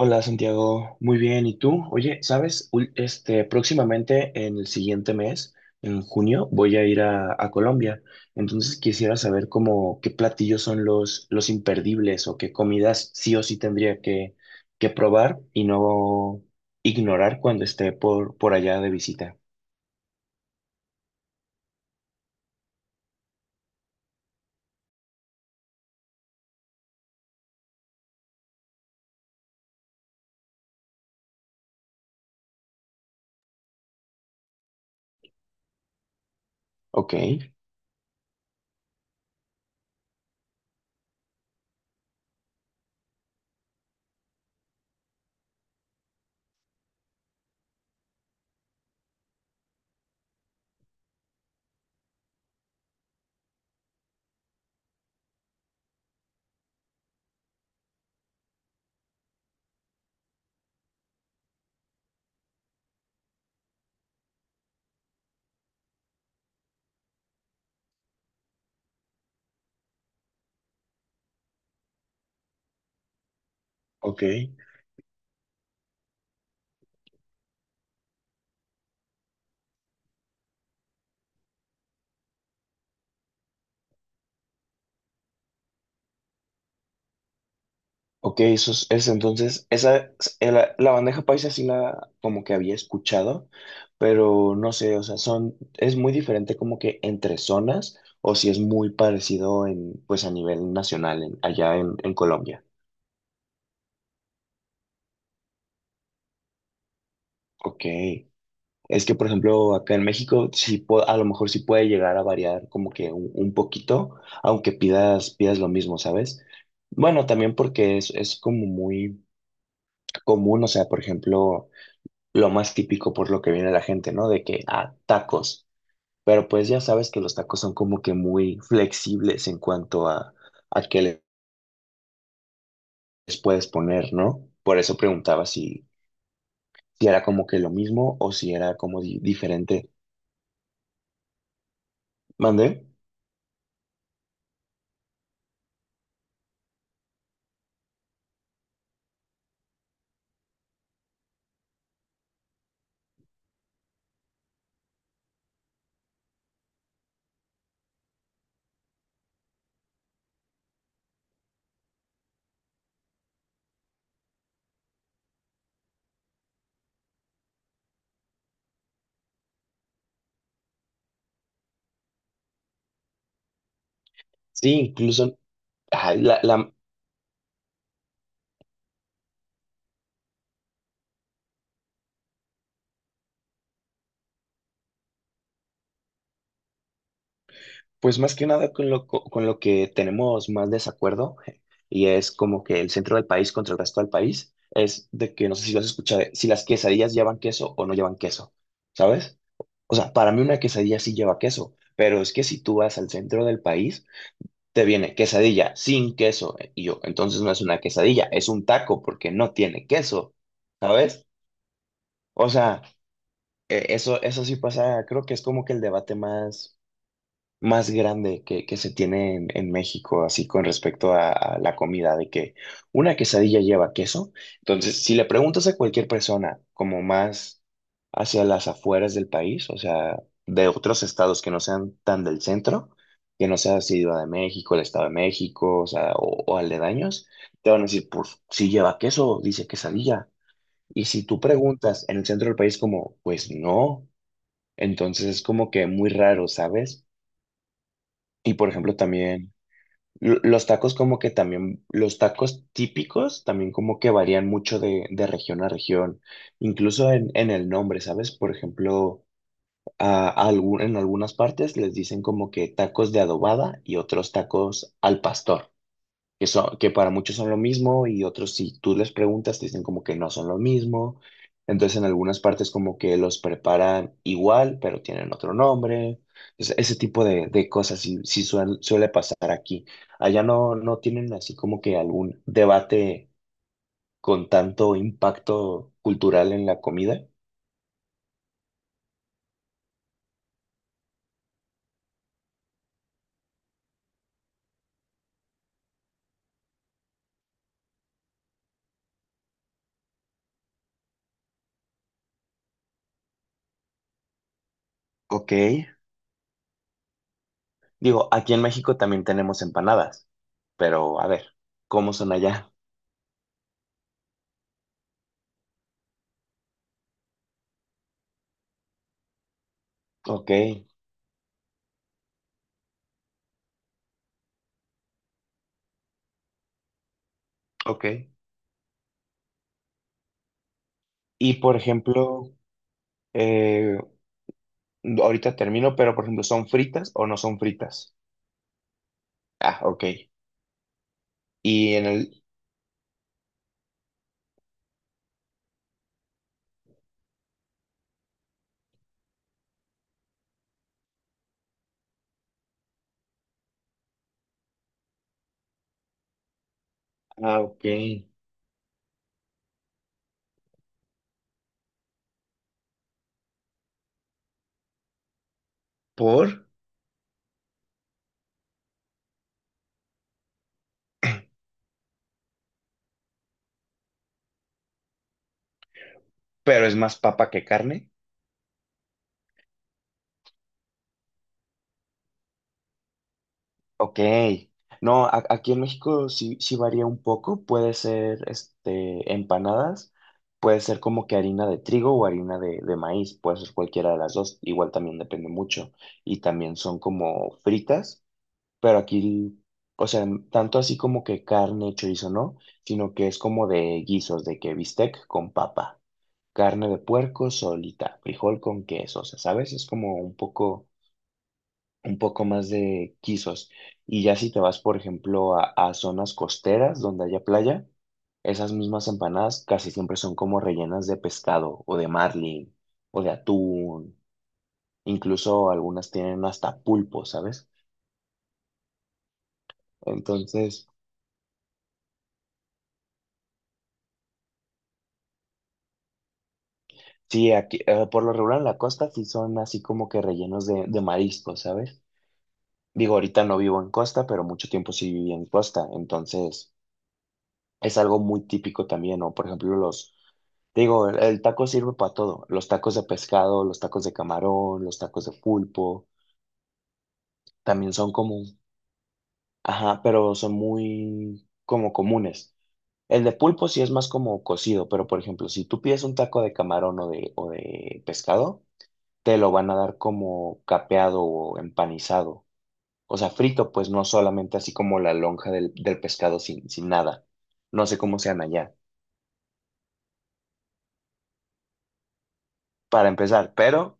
Hola Santiago, muy bien. ¿Y tú? Oye, ¿sabes? Próximamente en el siguiente mes, en junio, voy a ir a Colombia. Entonces quisiera saber cómo qué platillos son los imperdibles o qué comidas sí o sí tendría que probar y no ignorar cuando esté por allá de visita. Ok, ok. Ok, eso es entonces, la bandeja paisa sí la como que había escuchado, pero no sé, o sea, es muy diferente como que entre zonas o si es muy parecido en, pues a nivel nacional, allá en Colombia. Ok, es que por ejemplo acá en México a lo mejor sí puede llegar a variar como que un poquito, aunque pidas lo mismo, ¿sabes? Bueno, también porque es como muy común, o sea, por ejemplo, lo más típico por lo que viene la gente, ¿no? De que, ah, tacos. Pero pues ya sabes que los tacos son como que muy flexibles en cuanto a qué les puedes poner, ¿no? Por eso preguntaba si era como que lo mismo o si era como diferente. ¿Mandé? Sí, incluso, ay, pues más que nada con con lo que tenemos más desacuerdo, y es como que el centro del país contra el resto del país, es de que no sé si lo has escuchado, si las quesadillas llevan queso o no llevan queso, ¿sabes? O sea, para mí una quesadilla sí lleva queso, pero es que si tú vas al centro del país, te viene quesadilla sin queso. Y yo, entonces no es una quesadilla, es un taco porque no tiene queso, ¿sabes? O sea, eso, eso sí pasa, creo que es como que el debate más más grande que se tiene en México, así con respecto a la comida, de que una quesadilla lleva queso. Entonces, si le preguntas a cualquier persona, como más hacia las afueras del país, o sea, de otros estados que no sean tan del centro, que no sea Ciudad de México, el Estado de México, o sea, o aledaños, te van a decir, pues, si lleva queso, dice quesadilla. Y si tú preguntas en el centro del país como, pues no, entonces es como que muy raro, ¿sabes? Y por ejemplo, también los tacos como que también, los tacos típicos también como que varían mucho de región a región, incluso en el nombre, ¿sabes? Por ejemplo, en algunas partes les dicen como que tacos de adobada y otros tacos al pastor que, son, que para muchos son lo mismo y otros si tú les preguntas te dicen como que no son lo mismo. Entonces en algunas partes como que los preparan igual, pero tienen otro nombre. Entonces, ese tipo de cosas sí, suele pasar aquí. Allá no, no tienen así como que algún debate con tanto impacto cultural en la comida. Ok. Digo, aquí en México también tenemos empanadas, pero a ver, ¿cómo son allá? Ok, ok. Y por ejemplo, ahorita termino, pero por ejemplo, ¿son fritas o no son fritas? Ah, ok. Y en el... Ah, ok. ¿Por? Pero es más papa que carne. Ok. No, aquí en México sí, sí varía un poco. Puede ser este, empanadas, puede ser como que harina de trigo o harina de maíz. Puede ser cualquiera de las dos. Igual también depende mucho. Y también son como fritas. Pero aquí, o sea, tanto así como que carne, chorizo, no, sino que es como de guisos, de que bistec con papa, carne de puerco solita, frijol con queso, o sea, ¿sabes? Es como un poco más de guisos. Y ya si te vas, por ejemplo, a zonas costeras donde haya playa, esas mismas empanadas casi siempre son como rellenas de pescado o de marlin o de atún, incluso algunas tienen hasta pulpo, ¿sabes? Entonces, sí, aquí, por lo regular en la costa sí son así como que rellenos de mariscos, ¿sabes? Digo, ahorita no vivo en costa, pero mucho tiempo sí viví en costa, entonces es algo muy típico también, ¿no? Por ejemplo, los, te digo, el taco sirve para todo, los tacos de pescado, los tacos de camarón, los tacos de pulpo, también son como, ajá, pero son muy como comunes. El de pulpo sí es más como cocido, pero por ejemplo, si tú pides un taco de camarón o de pescado, te lo van a dar como capeado o empanizado. O sea, frito, pues no solamente así como la lonja del pescado sin, sin nada. No sé cómo sean allá, para empezar, pero,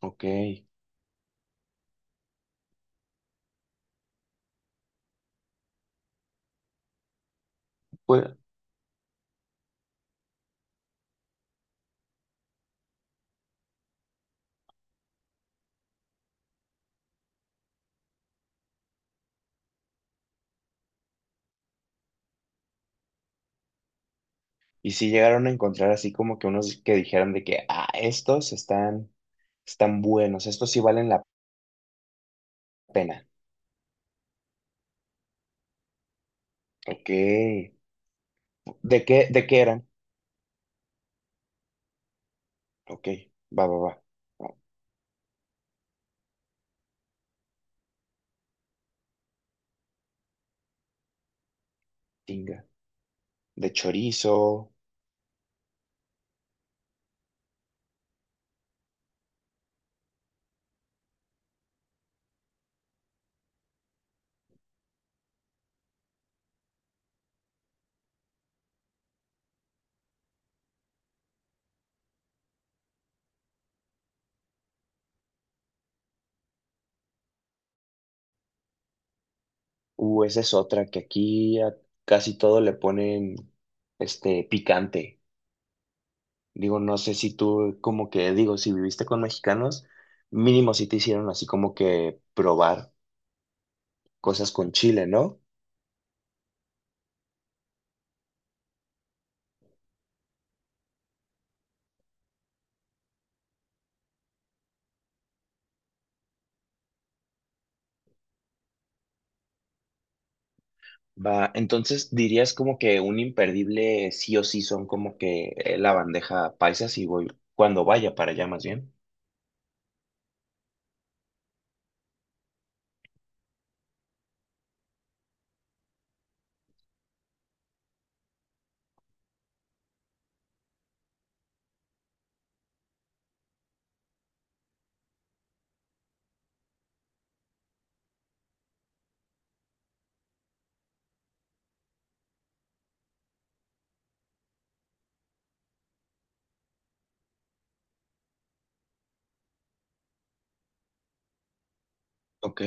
ok, pues, y si llegaron a encontrar así como que unos que dijeran de que, ah, estos están, están buenos, estos sí valen la pena. Ok, ¿de qué eran? Ok, va, va, va. Ah, tinga. De chorizo, uh, esa es otra, que aquí a casi todo le ponen este picante. Digo, no sé si tú, como que, digo, si viviste con mexicanos, mínimo si te hicieron así como que probar cosas con chile, ¿no? Va, entonces dirías como que un imperdible sí o sí son como que la bandeja paisa si voy, cuando vaya para allá más bien. Ok,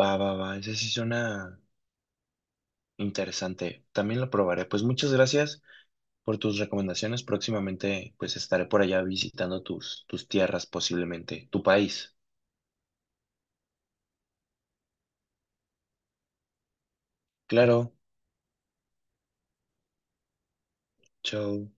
va, va, va, ese sí suena interesante. También lo probaré. Pues muchas gracias por tus recomendaciones. Próximamente, pues estaré por allá visitando tus tierras, posiblemente tu país. Claro, chao.